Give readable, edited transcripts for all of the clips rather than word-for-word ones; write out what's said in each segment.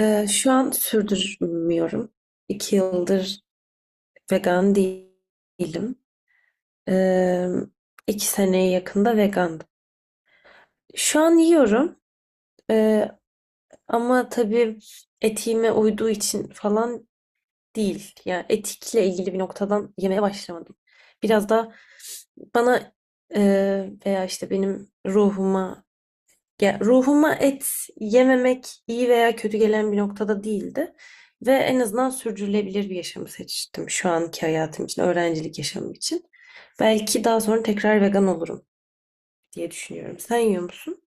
Şu an sürdürmüyorum. 2 yıldır vegan değilim. Ee, 2 seneye yakında vegandım. Şu an yiyorum. Ee, Ama tabii etiğime uyduğu için falan değil. Yani etikle ilgili bir noktadan yemeye başlamadım. Biraz da bana e, veya işte benim ruhuma ya ruhuma et yememek iyi veya kötü gelen bir noktada değildi. Ve en azından sürdürülebilir bir yaşamı seçtim şu anki hayatım için, öğrencilik yaşamım için. Belki daha sonra tekrar vegan olurum diye düşünüyorum. Sen yiyor musun?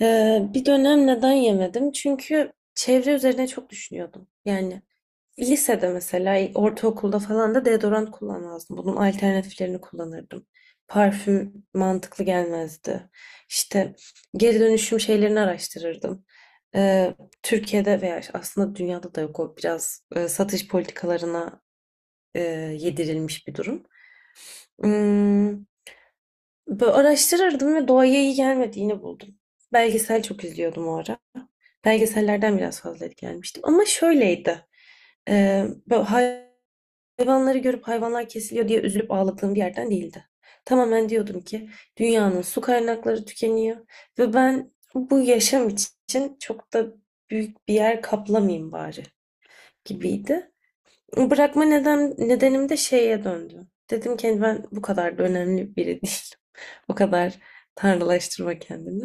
Bir dönem neden yemedim? Çünkü çevre üzerine çok düşünüyordum. Yani lisede mesela, ortaokulda falan da deodorant kullanmazdım. Bunun alternatiflerini kullanırdım. Parfüm mantıklı gelmezdi. İşte geri dönüşüm şeylerini araştırırdım. Ee, Türkiye'de veya aslında dünyada da yok, o biraz satış politikalarına e, yedirilmiş bir durum. Hmm, Böyle araştırırdım ve doğaya iyi gelmediğini buldum. Belgesel çok izliyordum o ara. Belgesellerden biraz fazla etkilenmiştim. Ama şöyleydi. Bö Hayvanları görüp hayvanlar kesiliyor diye üzülüp ağladığım bir yerden değildi. Tamamen diyordum ki dünyanın su kaynakları tükeniyor ve ben bu yaşam için çok da büyük bir yer kaplamayayım bari gibiydi. Bırakma neden, nedenim de şeye döndü. Dedim ki, "Hani ben bu kadar da önemli biri değilim." O kadar tanrılaştırma kendini.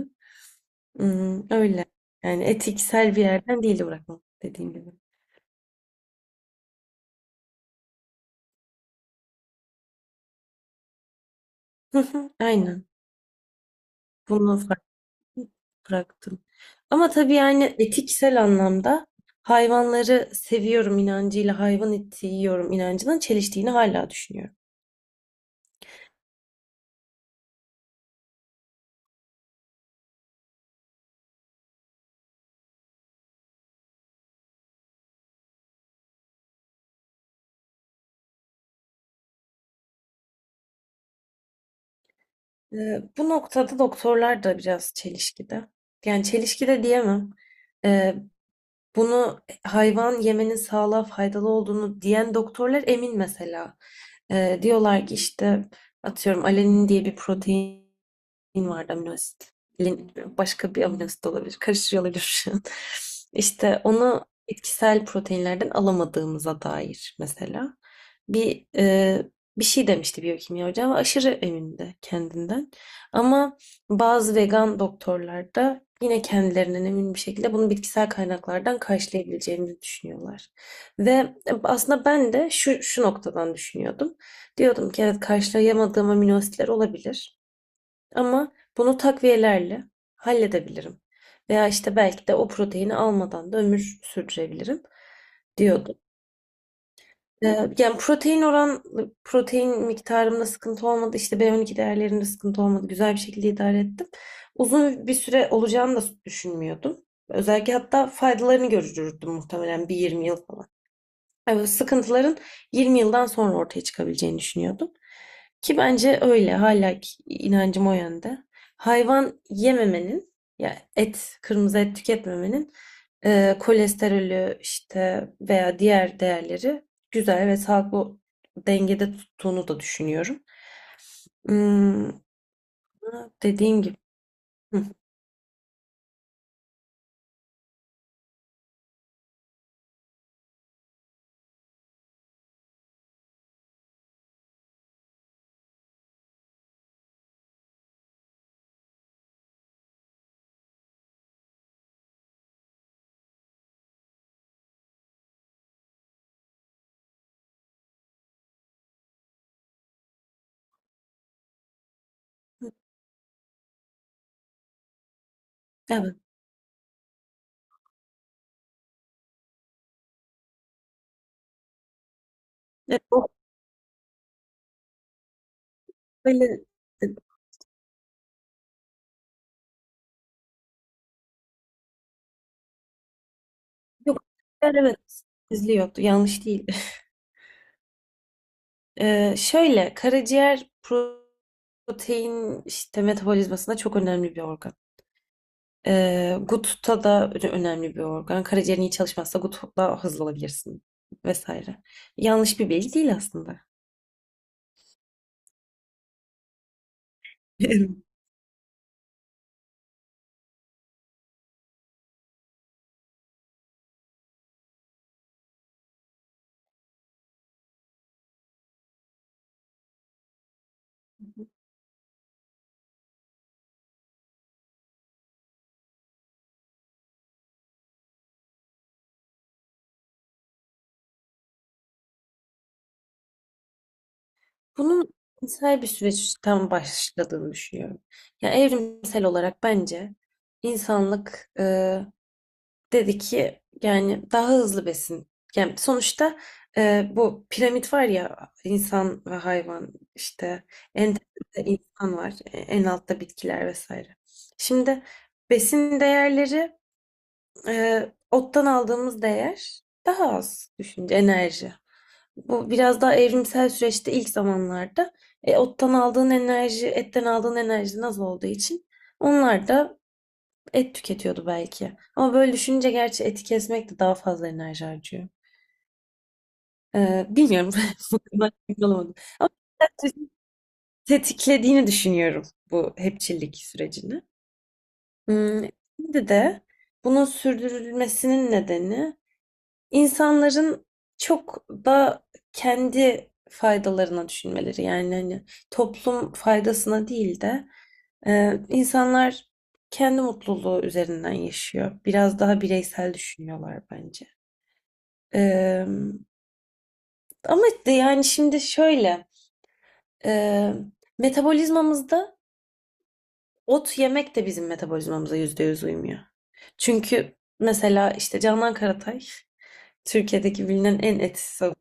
Hmm, öyle. Yani etiksel bir yerden değil bırakma dediğim gibi. Hı hı, aynen. Bunu bıraktım. Ama tabii yani etiksel anlamda hayvanları seviyorum inancıyla hayvan eti yiyorum inancının çeliştiğini hala düşünüyorum. Bu noktada doktorlar da biraz çelişkide. Yani çelişkide diyemem. Ee, Bunu hayvan yemenin sağlığa faydalı olduğunu diyen doktorlar emin mesela. Diyorlar ki işte atıyorum alenin diye bir protein vardı, amino asit. Başka bir amino asit olabilir. Karıştırıyor olabilir şu an. İşte onu bitkisel proteinlerden alamadığımıza dair mesela. Bir e, Bir şey demişti biyokimya hocam. Aşırı emindi kendinden. Ama bazı vegan doktorlar da yine kendilerinden emin bir şekilde bunu bitkisel kaynaklardan karşılayabileceğimizi düşünüyorlar. Ve aslında ben de şu noktadan düşünüyordum. Diyordum ki evet, karşılayamadığım amino asitler olabilir ama bunu takviyelerle halledebilirim. Veya işte belki de o proteini almadan da ömür sürdürebilirim diyordum. Yani protein miktarımda sıkıntı olmadı. İşte B12 değerlerimde sıkıntı olmadı. Güzel bir şekilde idare ettim. Uzun bir süre olacağını da düşünmüyordum. Özellikle hatta faydalarını görürdüm muhtemelen bir 20 yıl. Evet, sıkıntıların 20 yıldan sonra ortaya çıkabileceğini düşünüyordum. Ki bence öyle. Hala ki inancım o yönde. Hayvan yememenin, ya et, kırmızı et tüketmemenin kolesterolü işte veya diğer değerleri güzel ve sağlıklı dengede tuttuğunu da düşünüyorum. Hmm, dediğim gibi. Hı, evet. O böyle, e, yok. Yani evet. izliyordu. Yanlış değil. Şöyle, karaciğer protein işte metabolizmasında çok önemli bir organ. GUT'ta da önemli bir organ. Karaciğerin iyi çalışmazsa GUT'la hızlı olabilirsin vesaire. Yanlış bir bilgi değil aslında. Bunun insel bir süreçten başladığını düşünüyorum. Yani evrimsel olarak bence insanlık dedi ki yani daha hızlı besin. Yani sonuçta bu piramit var ya, insan ve hayvan işte, en tepede insan var, en altta bitkiler vesaire. Şimdi besin değerleri, e, ottan aldığımız değer daha az düşünce enerji. Bu biraz daha evrimsel süreçte ilk zamanlarda ottan aldığın enerji, etten aldığın enerji az olduğu için onlar da et tüketiyordu belki. Ama böyle düşününce gerçi eti kesmek de daha fazla enerji harcıyor. Bilmiyorum. Bu konuda emin olamadım. Ama ben tetiklediğini düşünüyorum bu hepçillik sürecini. Hmm, Şimdi de bunun sürdürülmesinin nedeni İnsanların çok da kendi faydalarına düşünmeleri, yani hani toplum faydasına değil de insanlar kendi mutluluğu üzerinden yaşıyor. Biraz daha bireysel düşünüyorlar bence. E, Ama de yani şimdi şöyle, e, metabolizmamızda ot yemek de bizim metabolizmamıza %100 uymuyor. Çünkü mesela işte Canan Karatay Türkiye'deki bilinen en etsiz adam.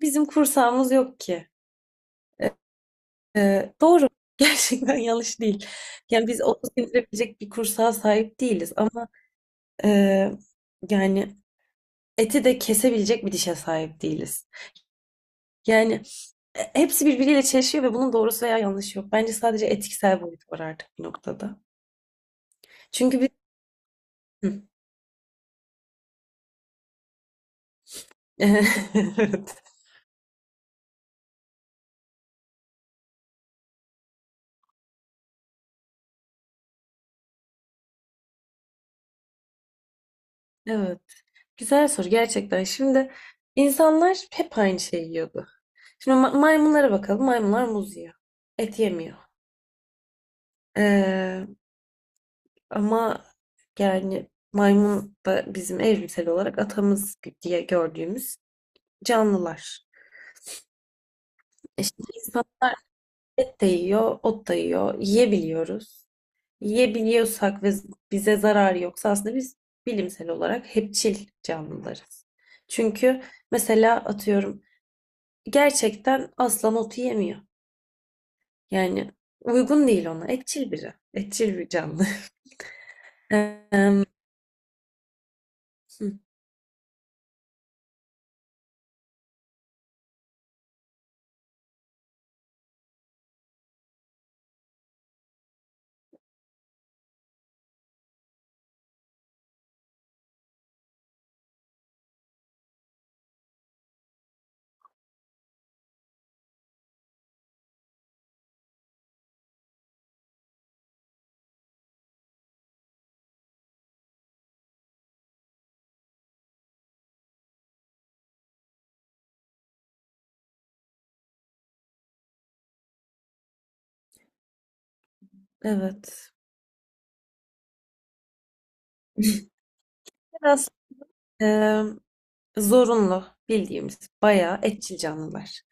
Bizim kursağımız yok ki. Doğru. Gerçekten yanlış değil. Yani biz onu sindirebilecek bir kursağa sahip değiliz ama e, yani eti de kesebilecek bir dişe sahip değiliz. Yani hepsi birbiriyle çelişiyor ve bunun doğrusu veya yanlışı yok. Bence sadece etiksel boyut var artık bir noktada. Çünkü biz... Hı. Evet. Evet. Güzel soru gerçekten. Şimdi insanlar hep aynı şeyi yiyordu. Şimdi maymunlara bakalım. Maymunlar muz yiyor. Et yemiyor. Ee, Ama yani maymun da bizim evrimsel olarak atamız diye gördüğümüz canlılar. İşte insanlar et de yiyor, ot da yiyor, yiyebiliyoruz. Yiyebiliyorsak ve bize zarar yoksa aslında biz bilimsel olarak hepçil canlılarız. Çünkü mesela atıyorum gerçekten aslan ot yemiyor. Yani uygun değil ona. Etçil biri. Etçil bir canlı. Em, hı, evet. Biraz zorunlu bildiğimiz bayağı etçil canlılar.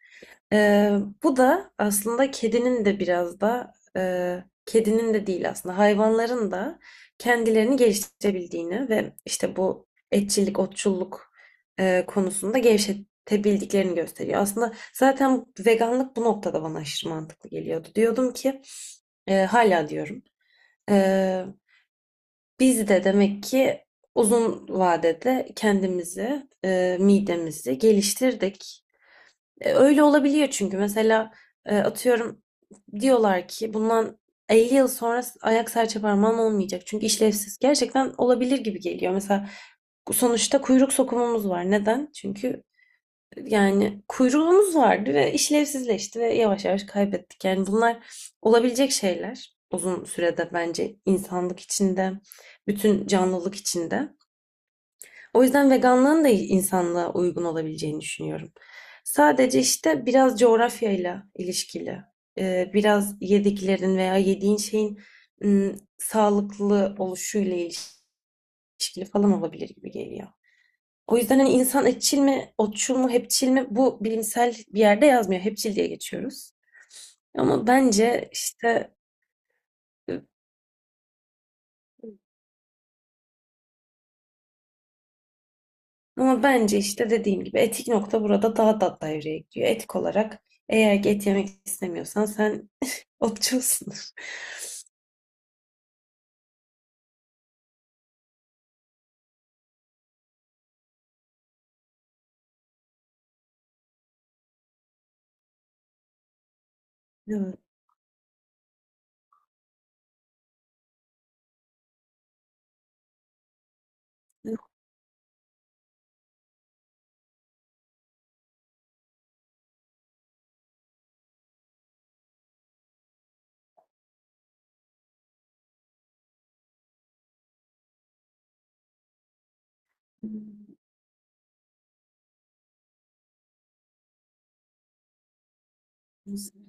Ee, Bu da aslında kedinin de biraz da kedinin de değil aslında hayvanların da kendilerini geliştirebildiğini ve işte bu etçillik, otçulluk konusunda gevşetebildiklerini gösteriyor. Aslında zaten veganlık bu noktada bana aşırı mantıklı geliyordu. Diyordum ki, hala diyorum. e, Biz de demek ki uzun vadede kendimizi, midemizi geliştirdik. Öyle olabiliyor çünkü mesela atıyorum diyorlar ki bundan 50 yıl sonra ayak serçe parmağın olmayacak. Çünkü işlevsiz. Gerçekten olabilir gibi geliyor. Mesela sonuçta kuyruk sokumumuz var. Neden? Çünkü yani kuyruğumuz vardı ve işlevsizleşti ve yavaş yavaş kaybettik. Yani bunlar olabilecek şeyler uzun sürede bence insanlık içinde, bütün canlılık içinde. O yüzden veganlığın da insanlığa uygun olabileceğini düşünüyorum. Sadece işte biraz coğrafyayla ilişkili, biraz yediklerin veya yediğin şeyin sağlıklı oluşuyla ilişkili falan olabilir gibi geliyor. O yüzden hani insan etçil mi, otçul mu, hepçil mi, bu bilimsel bir yerde yazmıyor. Hepçil diye geçiyoruz. Ama bence işte Ama bence işte dediğim gibi etik nokta burada daha da devreye giriyor. Etik olarak eğer ki et yemek istemiyorsan sen otçulsun. Evet.